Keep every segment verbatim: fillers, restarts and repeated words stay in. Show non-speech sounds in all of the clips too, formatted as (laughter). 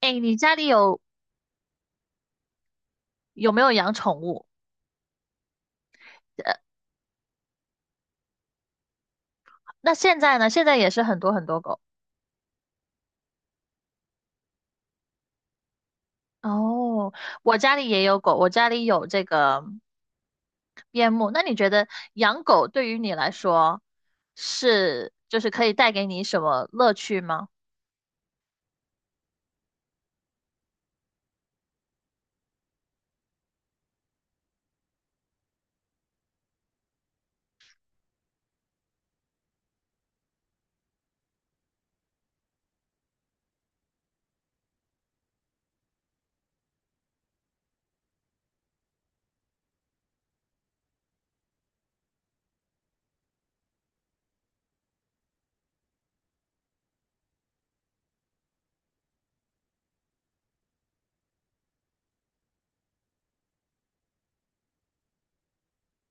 哎，你家里有有没有养宠物？呃，那现在呢？现在也是很多很多狗。哦，我家里也有狗，我家里有这个边牧。那你觉得养狗对于你来说是就是可以带给你什么乐趣吗？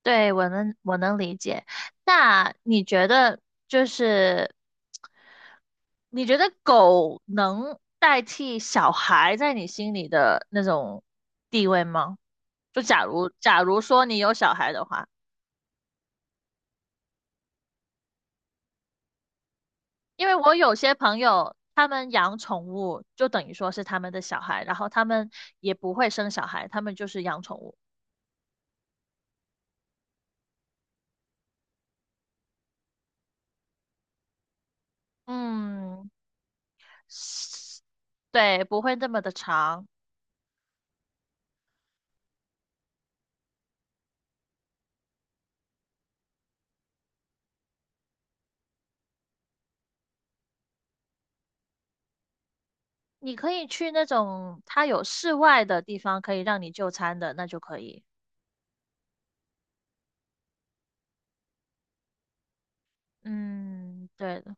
对，我能我能理解。那你觉得就是你觉得狗能代替小孩在你心里的那种地位吗？就假如假如说你有小孩的话，因为我有些朋友他们养宠物，就等于说是他们的小孩，然后他们也不会生小孩，他们就是养宠物。嗯，是，对，不会那么的长。你可以去那种它有室外的地方，可以让你就餐的，那就可以。嗯，对的，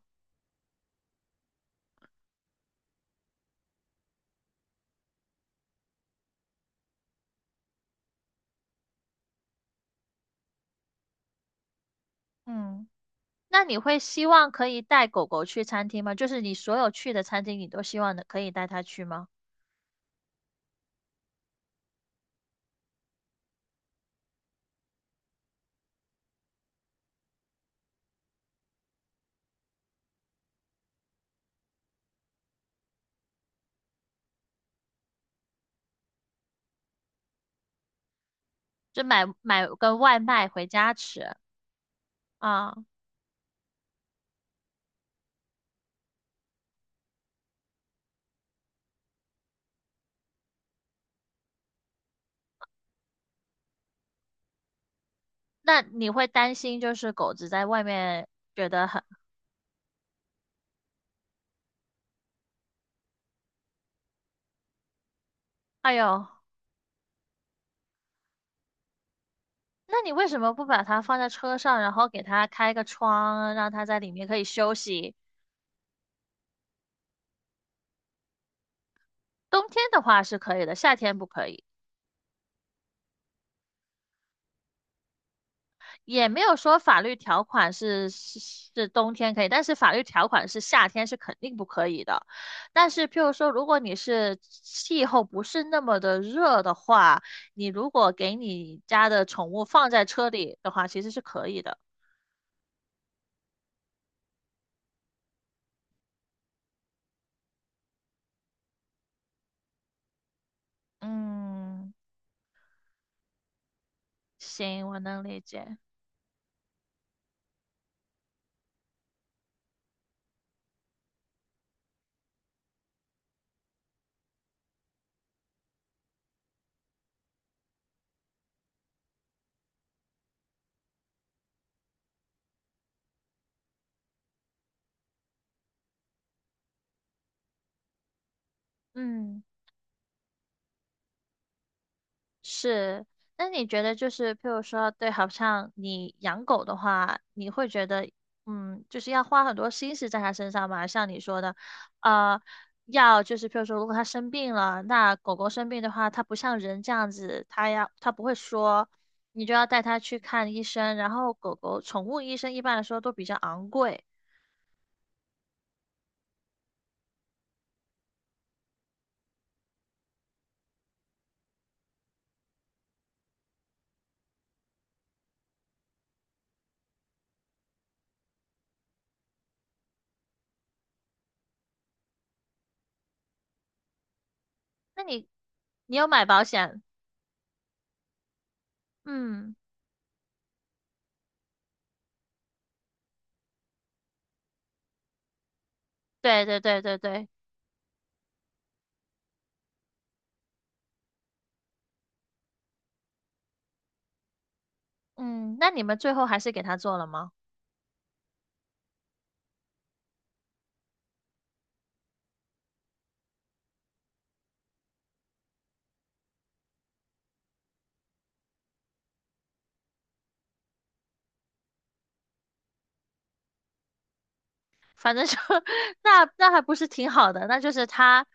嗯。那你会希望可以带狗狗去餐厅吗？就是你所有去的餐厅，你都希望的可以带它去吗？就买买个外卖回家吃啊。那你会担心就是狗子在外面觉得很，哎呦，那你为什么不把它放在车上，然后给它开个窗，让它在里面可以休息？冬天的话是可以的，夏天不可以。也没有说法律条款是是是冬天可以，但是法律条款是夏天是肯定不可以的。但是，譬如说，如果你是气候不是那么的热的话，你如果给你家的宠物放在车里的话，其实是可以的。嗯，行，我能理解。嗯。是，那你觉得就是，譬如说，对，好像你养狗的话，你会觉得，嗯，就是要花很多心思在它身上嘛？像你说的，呃，要就是，譬如说，如果它生病了，那狗狗生病的话，它不像人这样子，它要它不会说，你就要带它去看医生。然后，狗狗宠物医生一般来说都比较昂贵，那你你有买保险？嗯，对对对对对，嗯，那你们最后还是给它做了吗？反正就 (laughs) 那那还不是挺好的，那就是他，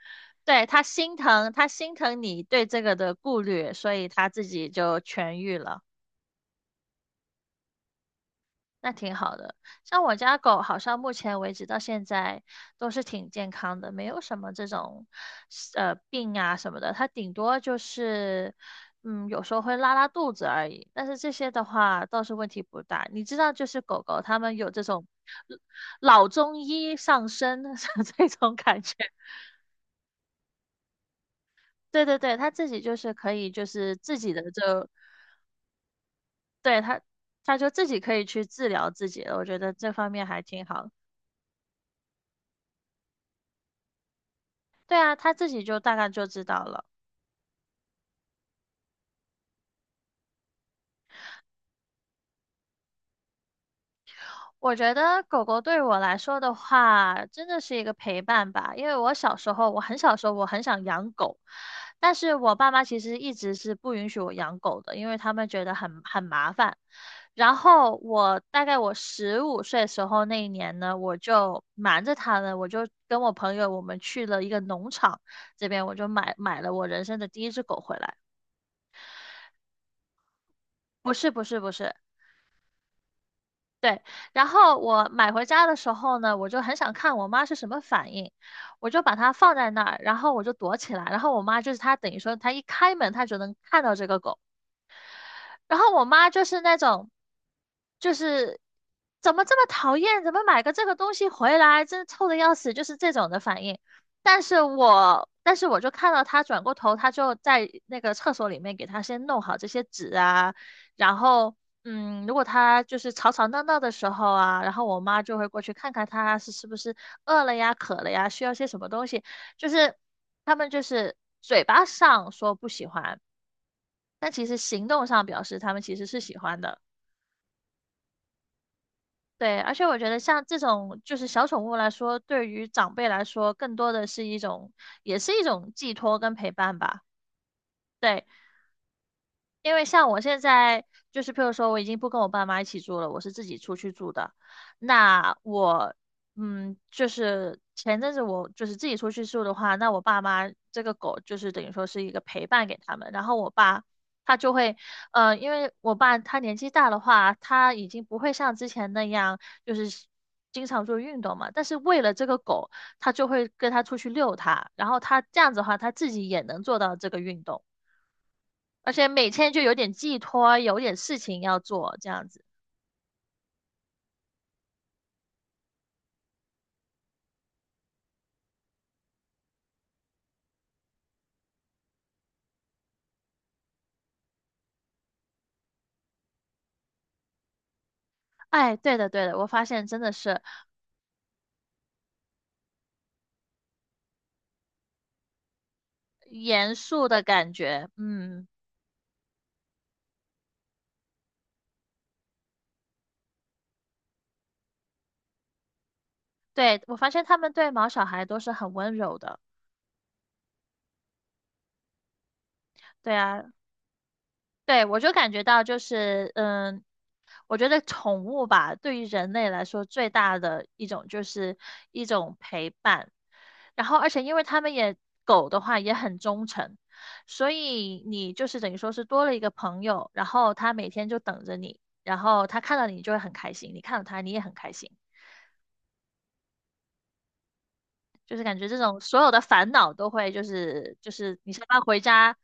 对，他心疼，他心疼你对这个的顾虑，所以他自己就痊愈了，那挺好的。像我家狗，好像目前为止到现在都是挺健康的，没有什么这种呃病啊什么的，它顶多就是嗯有时候会拉拉肚子而已，但是这些的话倒是问题不大。你知道，就是狗狗它们有这种。老中医上身 (laughs) 这种感觉。对对对，他自己就是可以，就是自己的就，对，他，他就自己可以去治疗自己了。我觉得这方面还挺好的。对啊，他自己就大概就知道了。我觉得狗狗对我来说的话，真的是一个陪伴吧。因为我小时候，我很小时候，我很想养狗，但是我爸妈其实一直是不允许我养狗的，因为他们觉得很很麻烦。然后我大概我十五岁的时候那一年呢，我就瞒着他呢，我就跟我朋友我们去了一个农场，这边我就买买了我人生的第一只狗回来。不是不是不是，对，然后我买回家的时候呢，我就很想看我妈是什么反应，我就把它放在那儿，然后我就躲起来，然后我妈就是她等于说她一开门，她就能看到这个狗。然后我妈就是那种，就是怎么这么讨厌，怎么买个这个东西回来，真臭的要死，就是这种的反应。但是我，但是我就看到她转过头，她就在那个厕所里面给她先弄好这些纸啊，然后，嗯，如果她就是吵吵闹闹的时候啊，然后我妈就会过去看看她是是不是饿了呀、渴了呀，需要些什么东西，就是他们就是嘴巴上说不喜欢。但其实行动上表示他们其实是喜欢的。对，而且我觉得像这种就是小宠物来说，对于长辈来说，更多的是一种，也是一种寄托跟陪伴吧。对，因为像我现在就是，譬如说，我已经不跟我爸妈一起住了，我是自己出去住的。那我，嗯，就是前阵子我就是自己出去住的话，那我爸妈这个狗就是等于说是一个陪伴给他们。然后我爸他就会，呃，因为我爸他年纪大的话，他已经不会像之前那样就是经常做运动嘛。但是为了这个狗，他就会跟他出去遛它，然后他这样子的话，他自己也能做到这个运动。而且每天就有点寄托，有点事情要做，这样子。哎，对的，对的，我发现真的是严肃的感觉。嗯，对，我发现他们对毛小孩都是很温柔的。对啊，对，我就感觉到就是，嗯，我觉得宠物吧，对于人类来说最大的一种就是一种陪伴，然后而且因为他们也狗的话也很忠诚，所以你就是等于说是多了一个朋友，然后它每天就等着你，然后它看到你就会很开心，你看到它你也很开心，就是感觉这种所有的烦恼都会就是就是你下班回家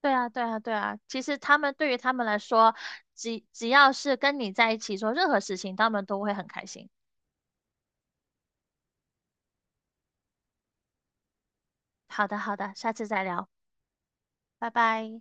对啊，对啊，对啊。其实他们对于他们来说，只只要是跟你在一起做任何事情，他们都会很开心。好的，好的，下次再聊，拜拜。